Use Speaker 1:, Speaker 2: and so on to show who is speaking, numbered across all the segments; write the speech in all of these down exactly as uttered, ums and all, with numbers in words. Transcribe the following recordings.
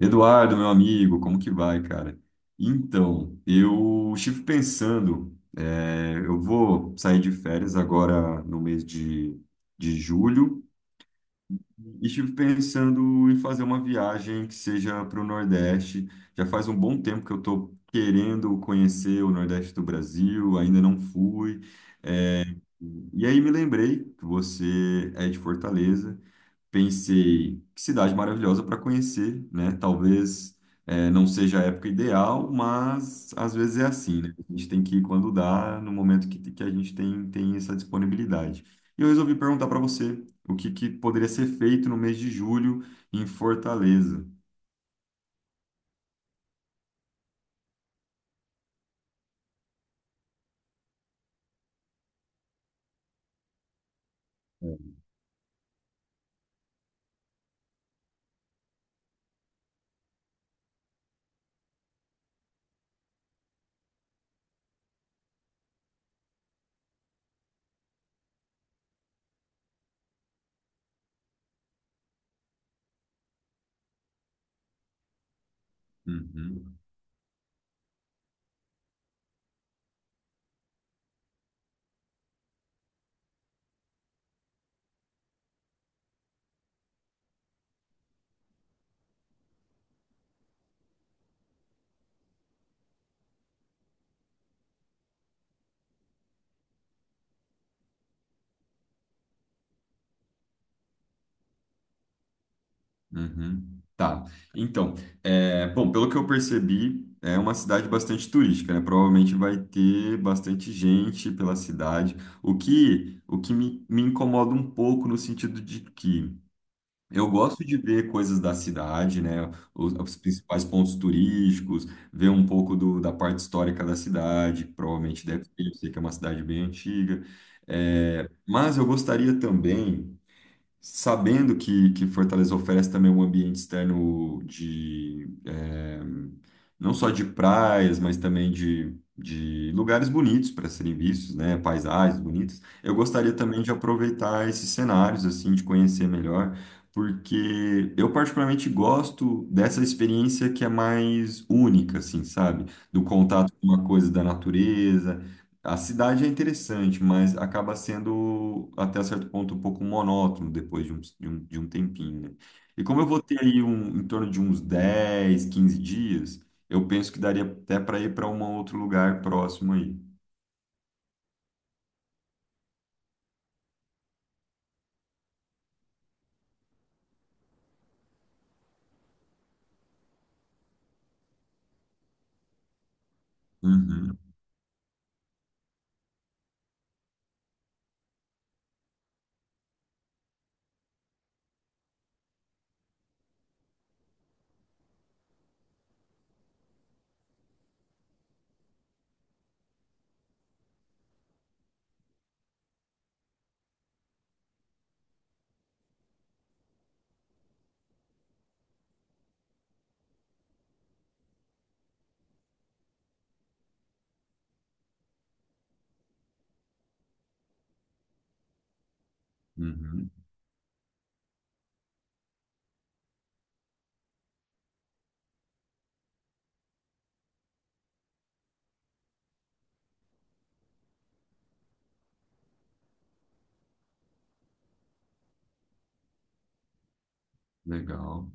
Speaker 1: Eduardo, meu amigo, como que vai, cara? Então, eu estive pensando, é, eu vou sair de férias agora no mês de, de julho, e estive pensando em fazer uma viagem que seja para o Nordeste. Já faz um bom tempo que eu estou querendo conhecer o Nordeste do Brasil, ainda não fui. E aí me lembrei que você é de Fortaleza, pensei, que cidade maravilhosa para conhecer, né? Talvez eh, não seja a época ideal, mas às vezes é assim, né? A gente tem que ir quando dá, no momento que, que a gente tem, tem essa disponibilidade. E eu resolvi perguntar para você o que, que poderia ser feito no mês de julho em Fortaleza. Uhum. Uhum. Tá. Então, é, bom, pelo que eu percebi, é uma cidade bastante turística, né? Provavelmente vai ter bastante gente pela cidade, o que, o que me, me incomoda um pouco no sentido de que eu gosto de ver coisas da cidade, né? Os, os principais pontos turísticos, ver um pouco do, da parte histórica da cidade, que provavelmente deve ter, eu sei que é uma cidade bem antiga. É, mas eu gostaria também, sabendo que, que Fortaleza oferece também um ambiente externo de eh, não só de praias, mas também de, de lugares bonitos para serem vistos, né? Paisagens bonitas. Eu gostaria também de aproveitar esses cenários, assim, de conhecer melhor, porque eu particularmente gosto dessa experiência que é mais única, assim, sabe? Do contato com uma coisa da natureza, a cidade é interessante, mas acaba sendo até certo ponto um pouco monótono depois de um, de um, de um tempinho, né? E como eu vou ter aí um, em torno de uns dez, quinze dias, eu penso que daria até para ir para um outro lugar próximo aí. Uhum, uhum, legal.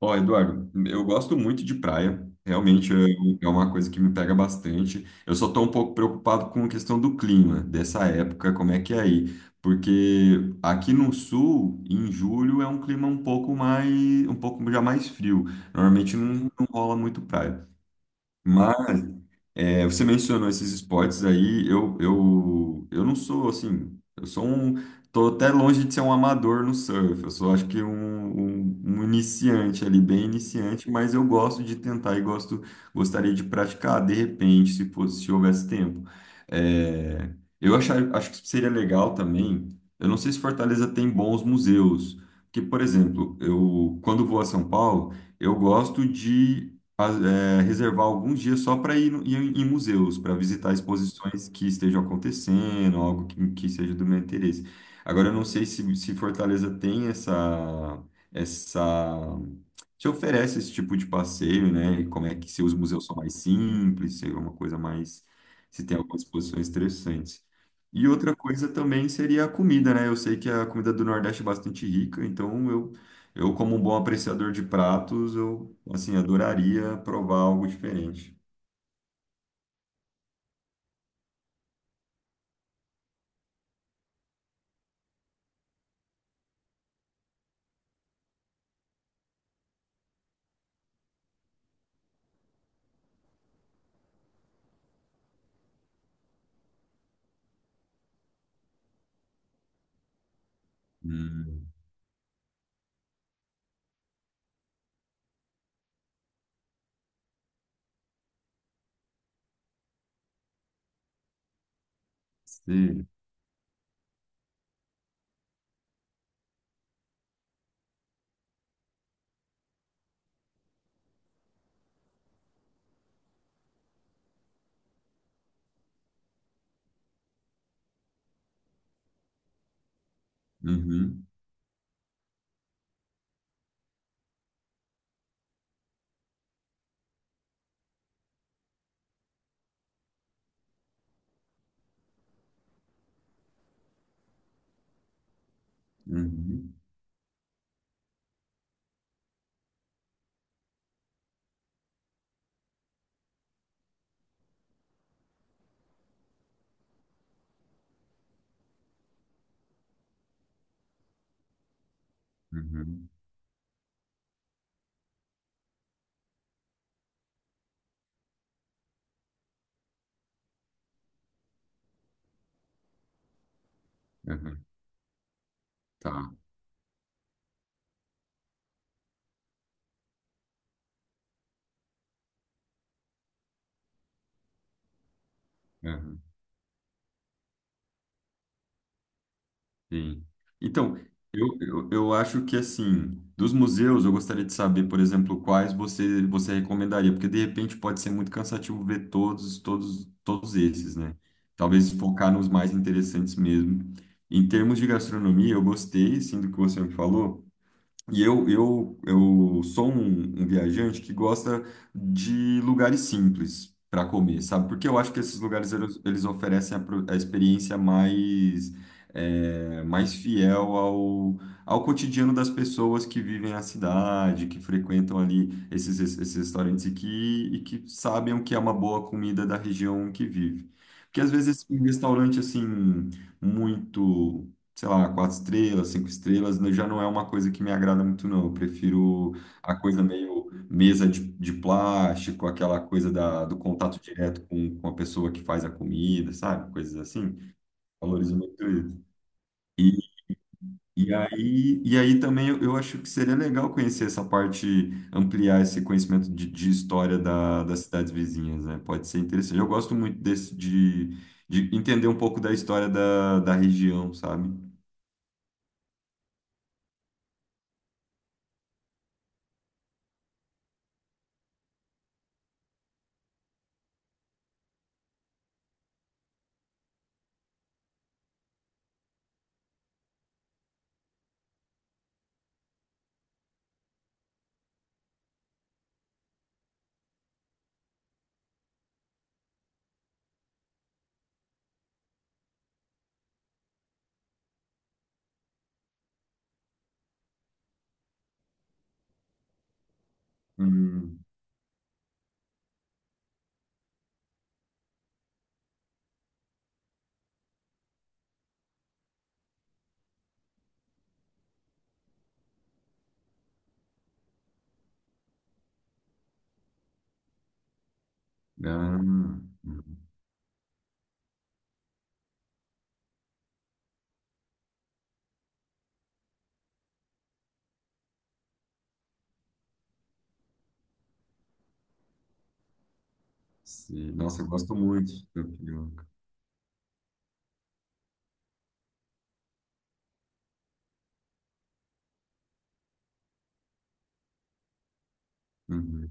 Speaker 1: Ó, Eduardo, eu gosto muito de praia. Realmente eu- é uma coisa que me pega bastante. Eu só estou um pouco preocupado com a questão do clima dessa época, como é que é aí? Porque aqui no sul, em julho, é um clima um pouco mais, um pouco já mais frio. Normalmente não, não rola muito praia. Mas é, você mencionou esses esportes aí, eu, eu, eu não sou assim, eu sou um, tô até longe de ser um amador no surf, eu sou acho que um, um, um iniciante ali, bem iniciante, mas eu gosto de tentar e gosto, gostaria de praticar de repente, se fosse, se houvesse tempo. É, eu achar, acho que seria legal também, eu não sei se Fortaleza tem bons museus, porque, por exemplo, eu quando vou a São Paulo, eu gosto de é, reservar alguns dias só para ir, no- ir em museus, para visitar exposições que estejam acontecendo, algo que, que seja do meu interesse. Agora, eu não sei se, se Fortaleza tem essa, essa. Se oferece esse tipo de passeio, né? E como é que se os museus são mais simples, se é uma coisa mais. Se tem algumas exposições interessantes. E outra coisa também seria a comida, né? Eu sei que a comida do Nordeste é bastante rica, então eu eu, como um bom apreciador de pratos, eu, assim, adoraria provar algo diferente. Hum, sim. Uhum, uhum, uhum, uhum, tá. Uhum, sim. Então, eu, eu, eu acho que, assim, dos museus, eu gostaria de saber, por exemplo, quais você, você recomendaria, porque, de repente, pode ser muito cansativo ver todos, todos, todos esses, né? Talvez focar nos mais interessantes mesmo. Em termos de gastronomia, eu gostei, sim, do que você me falou. E eu, eu, eu sou um, um viajante que gosta de lugares simples para comer, sabe? Porque eu acho que esses lugares eles, eles oferecem a, pro- a experiência mais, é, mais fiel ao, ao cotidiano das pessoas que vivem a cidade, que frequentam ali esses, esses restaurantes e que, e que sabem o que é uma boa comida da região que vive. Porque às vezes um restaurante assim muito, sei lá, quatro estrelas, cinco estrelas, né, já não é uma coisa que me agrada muito, não. Eu prefiro a coisa meio mesa de, de plástico, aquela coisa da, do contato direto com, com a pessoa que faz a comida, sabe? Coisas assim. Valorizo muito isso. E, e aí, e aí também eu, eu acho que seria legal conhecer essa parte, ampliar esse conhecimento de, de história da, das cidades vizinhas, né? Pode ser interessante. Eu gosto muito desse, de, de entender um pouco da história da, da região, sabe? Hum. Ah, uhum. Sim. Nossa, eu gosto muito de tapioca. Uhum,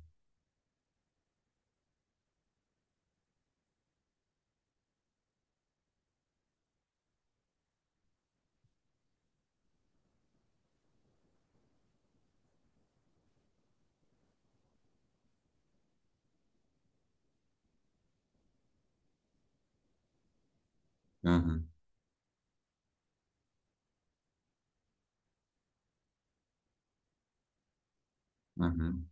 Speaker 1: aham, aham.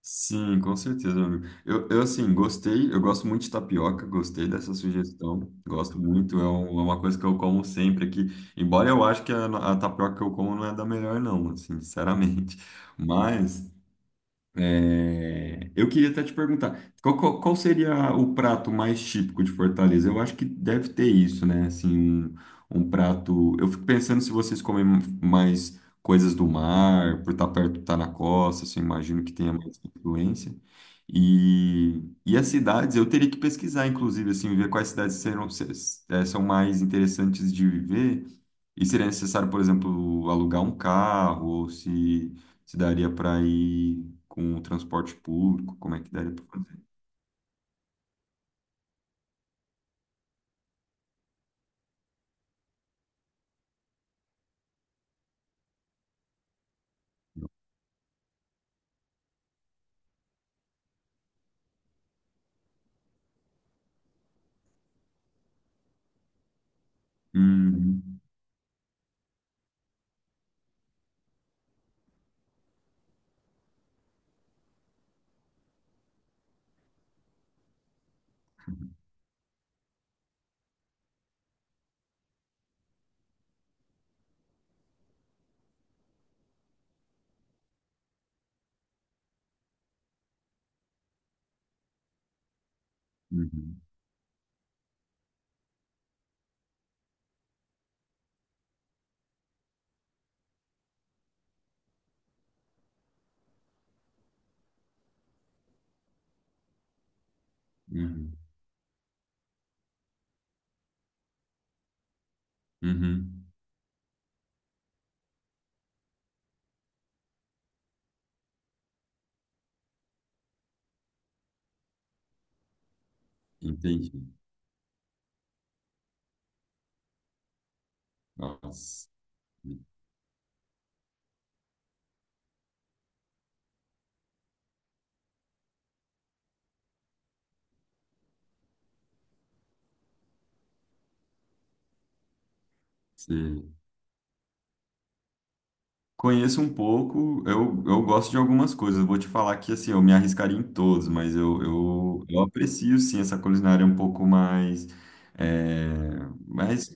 Speaker 1: Sim, com certeza, meu amigo. Eu, eu, assim, gostei, eu gosto muito de tapioca, gostei dessa sugestão, gosto muito, é, um- é uma coisa que eu como sempre aqui, embora eu acho que a, a tapioca que eu como não é da melhor não, assim, sinceramente, mas é, eu queria até te perguntar, qual, qual- qual seria o prato mais típico de Fortaleza? Eu acho que deve ter isso, né? Assim, um, um prato. Eu fico pensando se vocês comem mais coisas do mar, por estar perto, estar na costa, assim, imagino que tenha mais influência. E, e as cidades, eu teria que pesquisar, inclusive, assim, ver quais cidades serão, se- eh, são mais interessantes de viver. E seria necessário, por exemplo, alugar um carro, ou se, se daria para ir com o transporte público, como é que daria para fazer? Uhum, uhum, uhum, uhum. Entendi. Nossa. Sim. Conheço um pouco, eu, eu gosto de algumas coisas. Eu vou te falar que assim, eu me arriscaria em todos, mas eu, eu, eu aprecio sim essa culinária um pouco mais, é, mais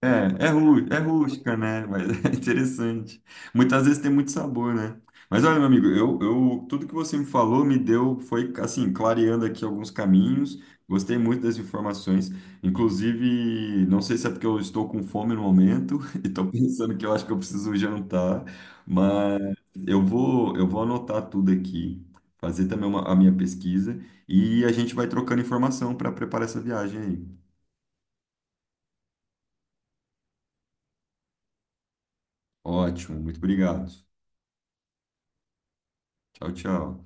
Speaker 1: é, é, rú, é rústica, né? Mas é interessante. Muitas vezes tem muito sabor, né? Mas olha, meu amigo, eu, eu, tudo que você me falou me deu, foi assim, clareando aqui alguns caminhos. Gostei muito das informações. Inclusive, não sei se é porque eu estou com fome no momento e estou pensando que eu acho que eu preciso jantar, mas eu vou, eu vou anotar tudo aqui, fazer também uma- a minha pesquisa e a gente vai trocando informação para preparar essa viagem aí. Ótimo, muito obrigado. Tchau, tchau.